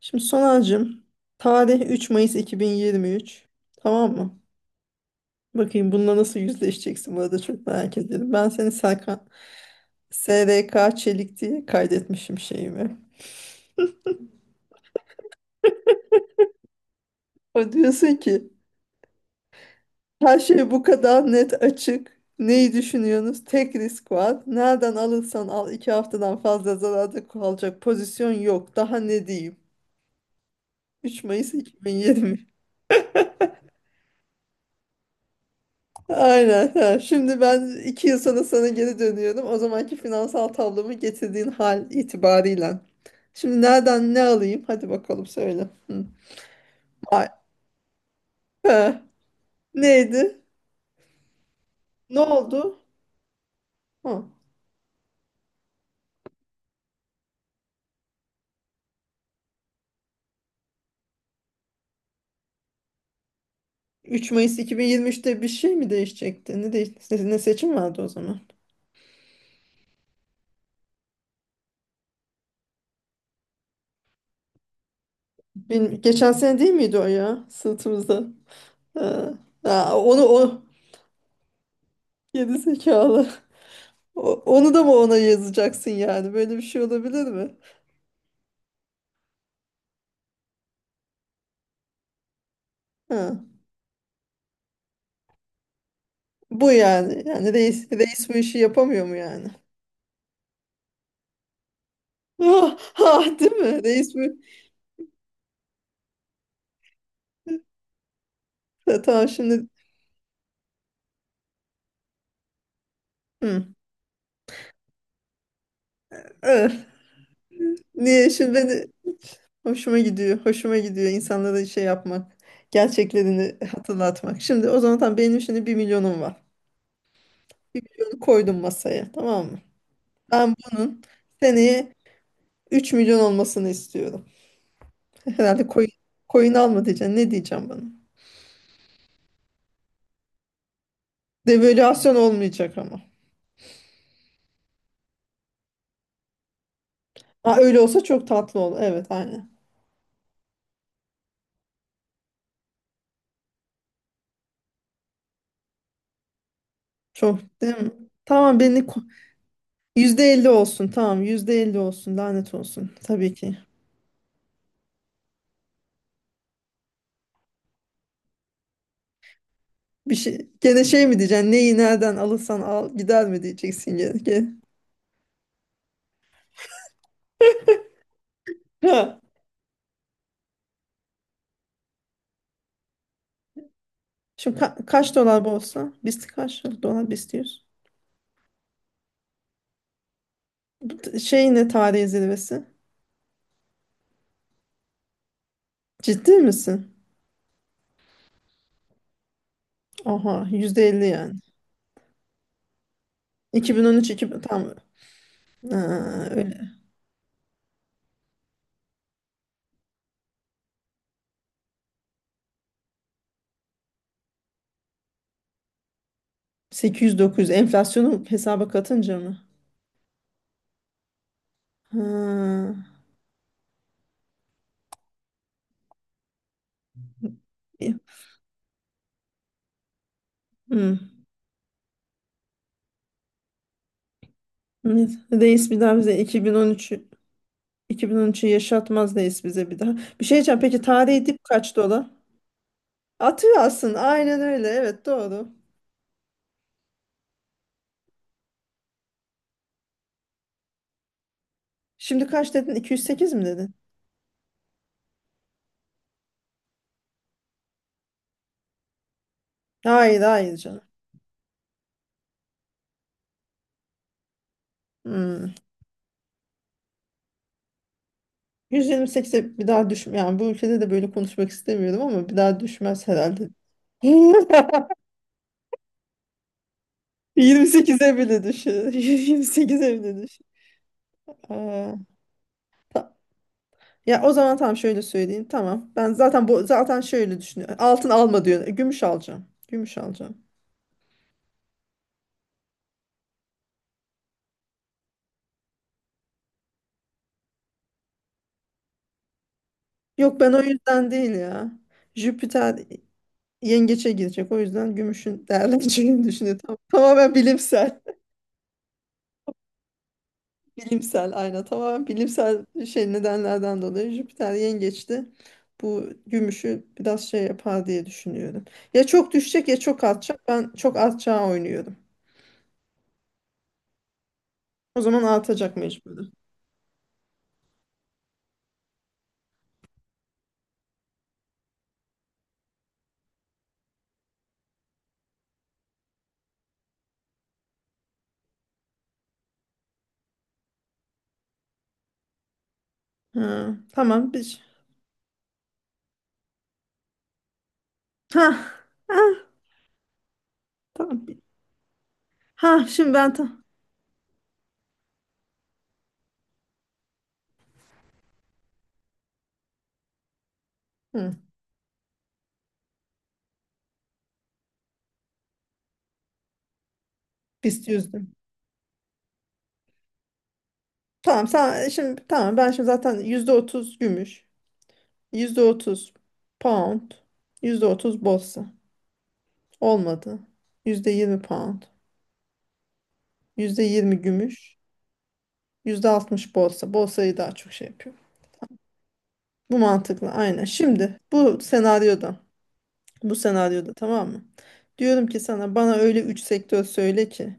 Şimdi Sonal'cığım tarih 3 Mayıs 2023, tamam mı? Bakayım bununla nasıl yüzleşeceksin, bu arada çok merak ediyorum. Ben seni Serkan SRK Çelik diye kaydetmişim şeyimi. O diyorsun ki her şey bu kadar net, açık. Neyi düşünüyorsunuz? Tek risk var. Nereden alırsan al, 2 haftadan fazla zararda kalacak pozisyon yok. Daha ne diyeyim? 3 Mayıs 2020. Aynen. Ha. Şimdi ben 2 yıl sonra sana geri dönüyorum. O zamanki finansal tablomu getirdiğin hal itibarıyla. Şimdi nereden ne alayım? Hadi bakalım, söyle. Hı. Ay, he. Neydi? Ne oldu? Ha. 3 Mayıs 2023'te bir şey mi değişecekti? Ne, ne seçim vardı o zaman? Geçen sene değil miydi o ya? Sırtımızda. Ha. Ha, onu o geri zekalı. Onu da mı ona yazacaksın yani? Böyle bir şey olabilir mi? Ha. Bu yani. Yani reis bu işi yapamıyor mu yani? Ah, ah, değil mi? Reis bu. Tamam şimdi. Hı. Eh, Niye şimdi beni hoşuma gidiyor. Hoşuma gidiyor insanlara şey yapmak. Gerçeklerini hatırlatmak. Şimdi o zaman tamam, benim şimdi 1 milyonum var. 1 milyonu koydum masaya, tamam mı? Ben bunun seneye 3 milyon olmasını istiyorum. Herhalde coin alma diyeceksin. Ne diyeceğim bana? Devalüasyon olmayacak ama. Ha, öyle olsa çok tatlı olur. Evet, aynen. Çok değil mi? Tamam, %50 olsun, tamam, %50 olsun, lanet olsun tabii ki. Bir şey gene şey mi diyeceksin, neyi nereden alırsan al gider mi diyeceksin gene. Gene. Ha. Şimdi kaç dolar bu olsa? Biz kaç dolar biz diyoruz. Şey, ne, tarihi zirvesi? Ciddi misin? Aha, %50 yani. 2013, 2000, tamam. Ha, öyle. 800-900 enflasyonu hesaba katınca mı? Ha. İyi. Hmm. Reis bir daha bize 2013'ü yaşatmaz, neyiz bize bir daha. Bir şey diyeceğim. Peki, tarihi dip kaç dolar? Atıyor aslında. Aynen öyle. Evet, doğru. Şimdi kaç dedin? 208 mi dedin? Hayır, hayır, canım. Hmm. 128'e bir daha düşme. Yani bu ülkede de böyle konuşmak istemiyorum ama bir daha düşmez herhalde. 28'e bile düşer. 28'e bile düşer. Aa, ta- ya o zaman tamam, şöyle söyleyeyim. Tamam. Ben zaten, bu zaten şöyle düşünüyorum. Altın alma diyor. Gümüş alacağım. Gümüş alacağım. Yok, ben o yüzden değil ya. Jüpiter yengeçe girecek. O yüzden gümüşün değerleneceğini düşünüyor. Tamamen bilimsel. Bilimsel, aynen. Tamamen bilimsel şey nedenlerden dolayı Jüpiter yengeçti. Bu gümüşü biraz şey yapar diye düşünüyorum. Ya çok düşecek ya çok artacak. Ben çok artacağı oynuyorum. O zaman artacak mecburen. Ha, tamam biz. Ha, ha, tamam. Ha, şimdi ben tam. Hı, biz yüzdük. Tamam, sen şimdi, tamam ben şimdi zaten %30 gümüş, %30 pound, %30 borsa. Olmadı. %20 pound, %20 gümüş, %60 borsa. Borsayı daha çok şey yapıyor. Bu mantıklı, aynen. Şimdi bu senaryoda, tamam mı? Diyorum ki sana, bana öyle 3 sektör söyle ki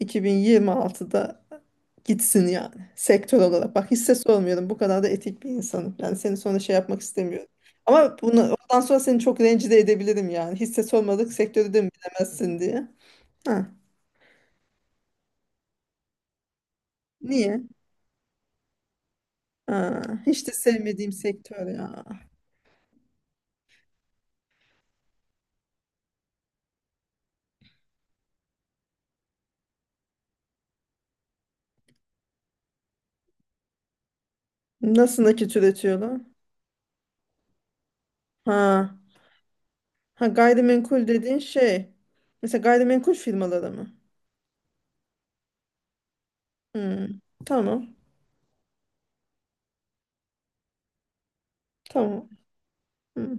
2026'da gitsin yani, sektör olarak. Bak, hisse sormuyorum, bu kadar da etik bir insanım. Yani seni sonra şey yapmak istemiyorum. Ama bunu ondan sonra seni çok rencide edebilirim yani. Hisse sormadık, sektörü de mi bilemezsin diye. Ha, niye? Ha, hiç de sevmediğim sektör ya. Nasıl nakit üretiyorlar? Ha, ha, gayrimenkul dediğin şey. Mesela gayrimenkul firmaları mı? Hmm, tamam. Tamam. Hmm.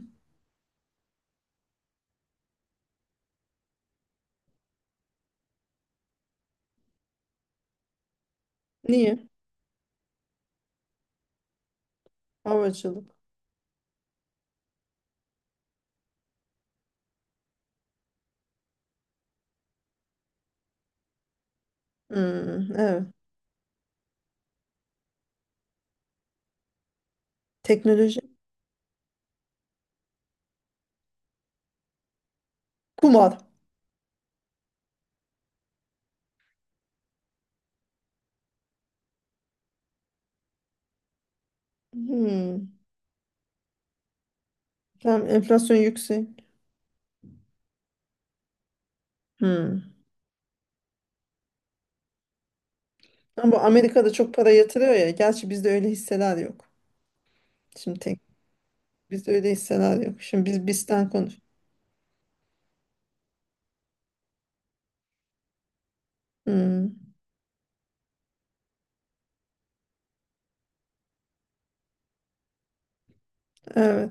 Niye? Havacılık. Hmm, evet. Teknoloji. Kumar. Hmm. Tamam, enflasyon yüksek. Hmm. Ama Amerika'da çok para yatırıyor ya. Gerçi bizde öyle hisseler yok. Şimdi tek bizde öyle hisseler yok. Şimdi bizden konuş. Hmm. Evet.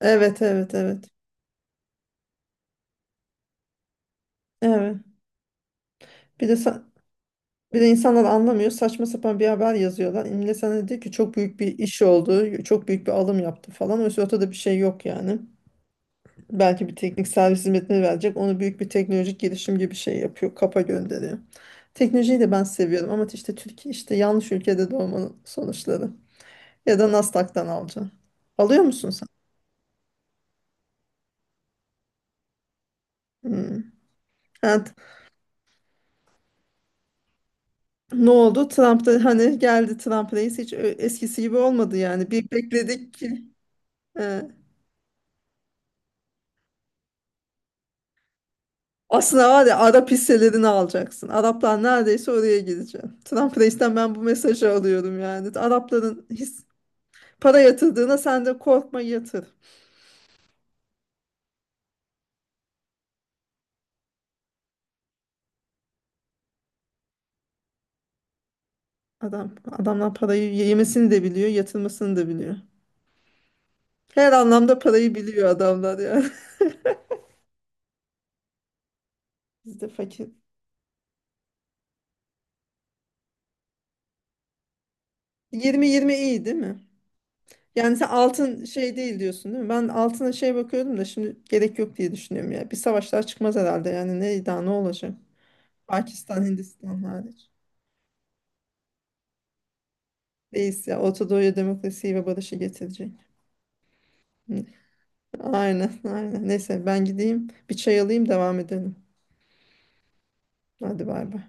Evet, evet, evet. Evet. Bir de sa- Bir de insanlar anlamıyor. Saçma sapan bir haber yazıyorlar. İmle sana diyor ki çok büyük bir iş oldu. Çok büyük bir alım yaptı falan. Oysa ortada bir şey yok yani. Belki bir teknik servis hizmetine verecek. Onu büyük bir teknolojik gelişim gibi bir şey yapıyor. Kapa gönderiyor. Teknolojiyi de ben seviyorum ama işte Türkiye, işte yanlış ülkede doğmanın sonuçları. Ya da Nasdaq'tan alacağım. Alıyor musun sen? Hmm. Ha, ne oldu? Trump da hani geldi, Trump reis hiç eskisi gibi olmadı yani. Bir bekledik ki. e, Aslında var ya, Arap hisselerini alacaksın. Araplar neredeyse oraya gidecek. Trump reisten ben bu mesajı alıyorum yani. Arapların para yatırdığına sen de korkma, yatır. Adamlar parayı yemesini de biliyor, yatırmasını da biliyor. Her anlamda parayı biliyor adamlar yani. Biz de fakir. 20-20 iyi değil mi? Yani sen altın, şey, değil diyorsun, değil mi? Ben altına şey bakıyordum da şimdi gerek yok diye düşünüyorum ya. Bir savaşlar çıkmaz herhalde yani, ne daha ne olacak? Pakistan, Hindistan hariç. Reis ya Orta Doğu'ya demokrasiyi ve barışı getirecek. Hı. Aynen, aynen. Neyse ben gideyim, bir çay alayım, devam edelim. Hadi, bay bay.